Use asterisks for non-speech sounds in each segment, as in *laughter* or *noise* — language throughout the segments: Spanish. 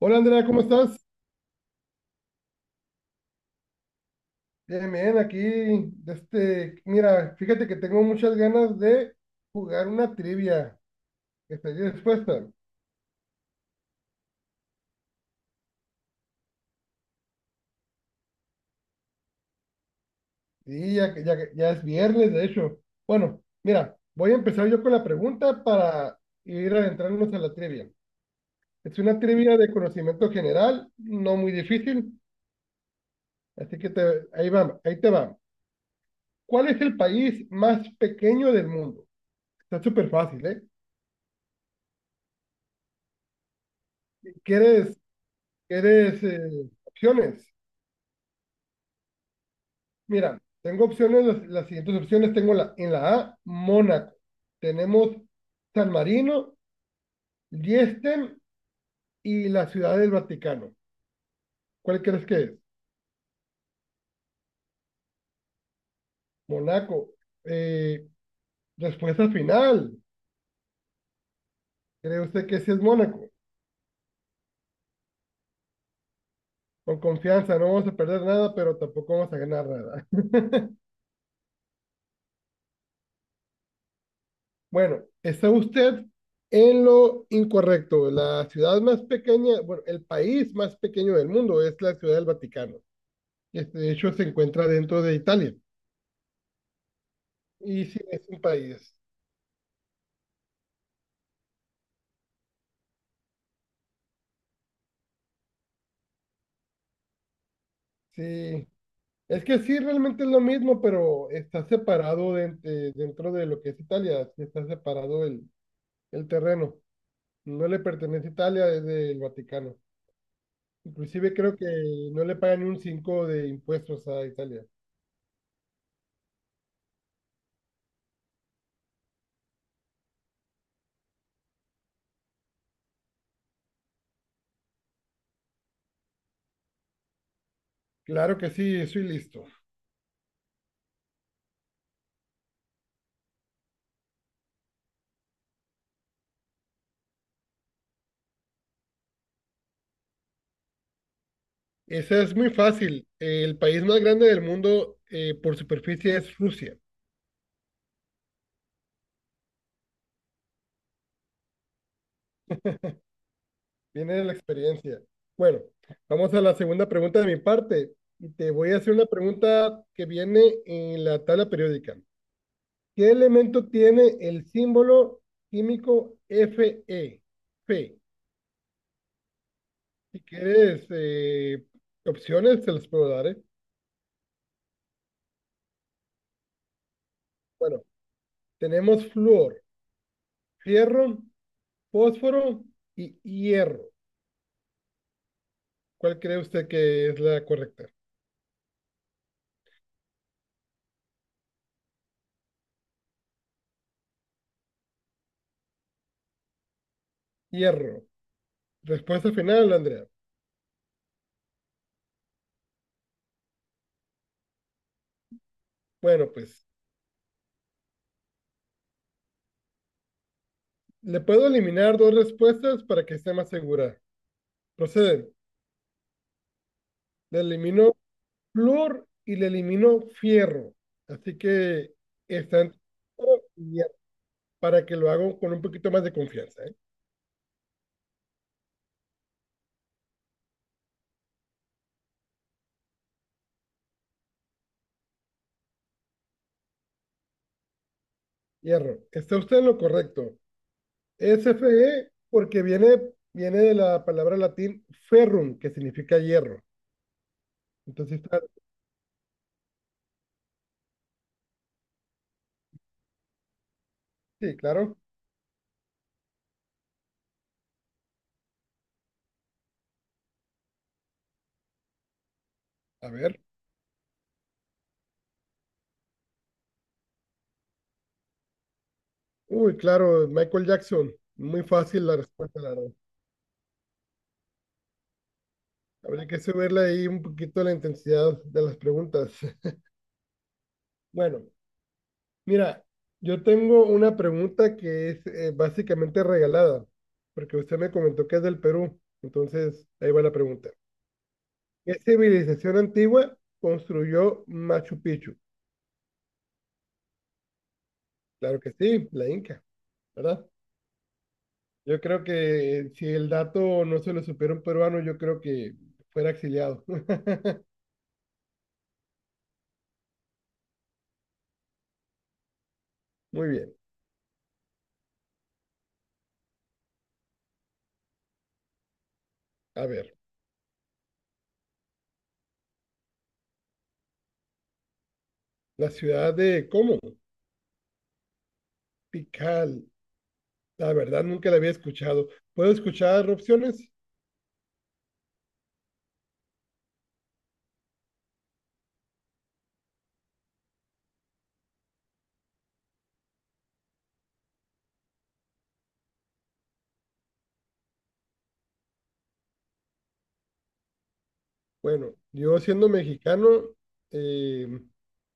Hola Andrea, ¿cómo estás? Bien, bien, aquí, mira, fíjate que tengo muchas ganas de jugar una trivia. ¿Estás dispuesta? Sí, ya, ya es viernes, de hecho. Bueno, mira, voy a empezar yo con la pregunta para ir adentrándonos a la trivia. Es una trivia de conocimiento general, no muy difícil, así que ahí te va. ¿Cuál es el país más pequeño del mundo? Está súper fácil, ¿eh? ¿Quieres, quieres opciones? Mira, tengo opciones, las siguientes opciones tengo en la A, Mónaco. Tenemos San Marino, Liechtenstein y la Ciudad del Vaticano. ¿Cuál crees que es? Mónaco. Eh, respuesta final. ¿Cree usted que sí es Mónaco? Con confianza, no vamos a perder nada, pero tampoco vamos a ganar nada. *laughs* Bueno, está usted en lo incorrecto. La ciudad más pequeña, bueno, el país más pequeño del mundo es la Ciudad del Vaticano. Este, de hecho, se encuentra dentro de Italia. Y sí, es un país. Sí. Es que sí, realmente es lo mismo, pero está separado dentro de lo que es Italia. Sí está separado el terreno. No le pertenece a Italia, es del Vaticano. Inclusive creo que no le pagan ni un 5 de impuestos a Italia. Claro que sí, eso y listo. Esa es muy fácil. El país más grande del mundo por superficie es Rusia. Viene de la experiencia. Bueno, vamos a la segunda pregunta de mi parte. Y te voy a hacer una pregunta que viene en la tabla periódica. ¿Qué elemento tiene el símbolo químico Fe? Fe. Si quieres opciones, te las puedo dar, ¿eh? Bueno, tenemos flúor, fierro, fósforo y hierro. ¿Cuál cree usted que es la correcta? Hierro. Respuesta final, Andrea. Bueno, pues le puedo eliminar dos respuestas para que esté más segura. Procede. Le elimino flúor y le elimino fierro. Así que está entre fierro y hierro, para que lo haga con un poquito más de confianza, ¿eh? Hierro. Está usted en lo correcto. Es Fe porque viene de la palabra latín ferrum, que significa hierro. Entonces está, sí, claro. A ver. Uy, claro, Michael Jackson. Muy fácil la respuesta, la verdad. Habrá que subirle ahí un poquito la intensidad de las preguntas. *laughs* Bueno, mira, yo tengo una pregunta que es básicamente regalada, porque usted me comentó que es del Perú, entonces ahí va la pregunta. ¿Qué civilización antigua construyó Machu Picchu? Claro que sí, la Inca, ¿verdad? Yo creo que si el dato no se lo supiera un peruano, yo creo que fuera exiliado. *laughs* Muy bien, a ver, la ciudad de ¿cómo? Tikal. La verdad, nunca la había escuchado. ¿Puedo escuchar opciones? Bueno, yo siendo mexicano, eh,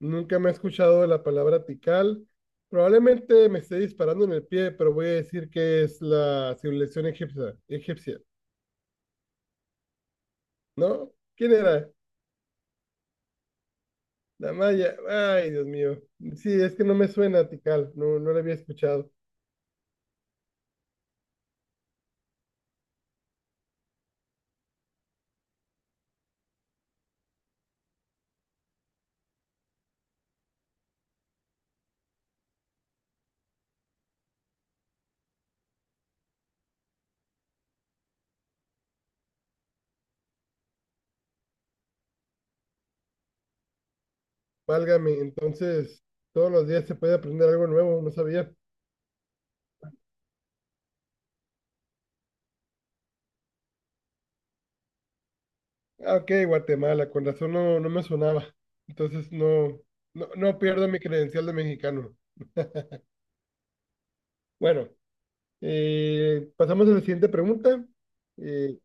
nunca me he escuchado la palabra tical. Probablemente me esté disparando en el pie, pero voy a decir que es la civilización egipcia. Egipcia. ¿No? ¿Quién era? La maya. Ay, Dios mío. Sí, es que no me suena tical. No, no la había escuchado. Válgame. Entonces, todos los días se puede aprender algo nuevo. No sabía. Ah, ok, Guatemala, con razón no, no me sonaba. Entonces no, no, no pierdo mi credencial de mexicano. Bueno, pasamos a la siguiente pregunta. Eh,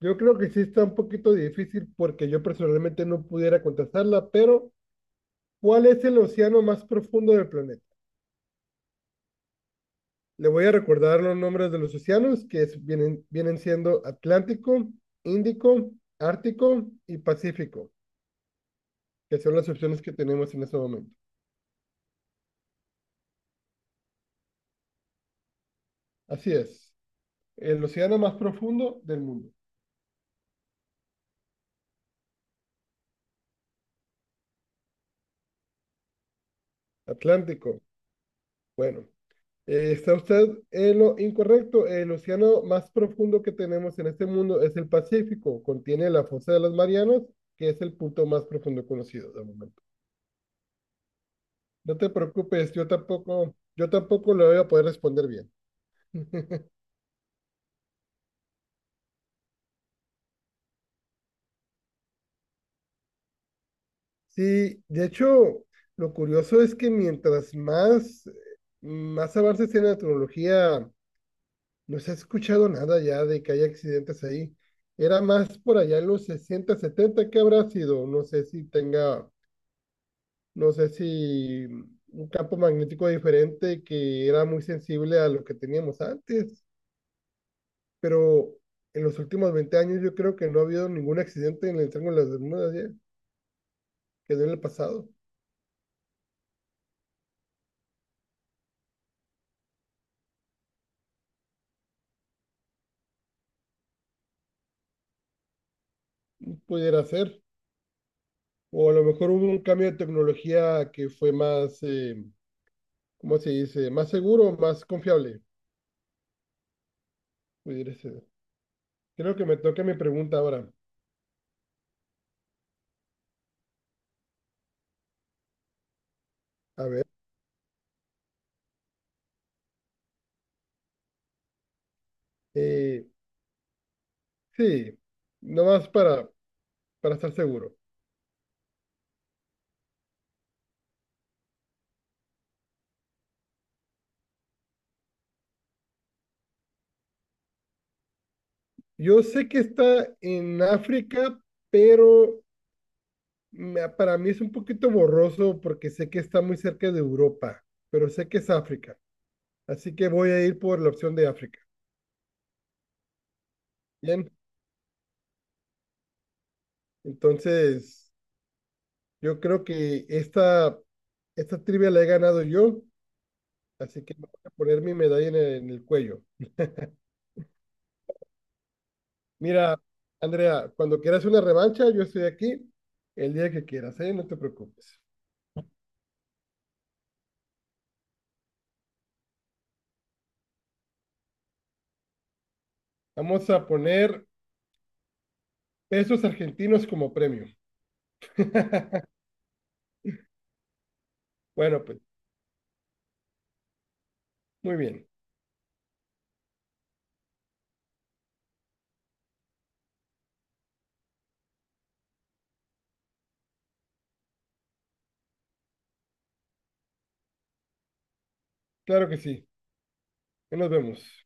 yo creo que sí está un poquito difícil porque yo personalmente no pudiera contestarla, pero ¿cuál es el océano más profundo del planeta? Le voy a recordar los nombres de los océanos, que vienen siendo Atlántico, Índico, Ártico y Pacífico, que son las opciones que tenemos en este momento. Así es. El océano más profundo del mundo. Atlántico. Bueno, está usted en lo incorrecto. El océano más profundo que tenemos en este mundo es el Pacífico. Contiene la fosa de las Marianas, que es el punto más profundo conocido de momento. No te preocupes, yo tampoco lo voy a poder responder bien. *laughs* Sí, de hecho, lo curioso es que mientras más avances en la tecnología no se ha escuchado nada ya de que haya accidentes ahí. Era más por allá en los 60, 70 que habrá sido. No sé si un campo magnético diferente que era muy sensible a lo que teníamos antes. Pero en los últimos 20 años yo creo que no ha habido ningún accidente en el Triángulo de las Bermudas ya, que no en el pasado. Pudiera ser. O a lo mejor hubo un cambio de tecnología que fue más, ¿cómo se dice? Más seguro, más confiable. Pudiera ser. Creo que me toca mi pregunta ahora. A ver, eh, sí, nomás para estar seguro. Yo sé que está en África, pero para mí es un poquito borroso porque sé que está muy cerca de Europa, pero sé que es África. Así que voy a ir por la opción de África. Bien, entonces yo creo que esta trivia la he ganado yo, así que me voy a poner mi medalla en el cuello. Mira, Andrea, cuando quieras una revancha, yo estoy aquí el día que quieras, ¿eh? No te preocupes. Vamos a poner pesos argentinos como premio. *laughs* Bueno, pues, muy bien. Claro que sí. Ahí nos vemos.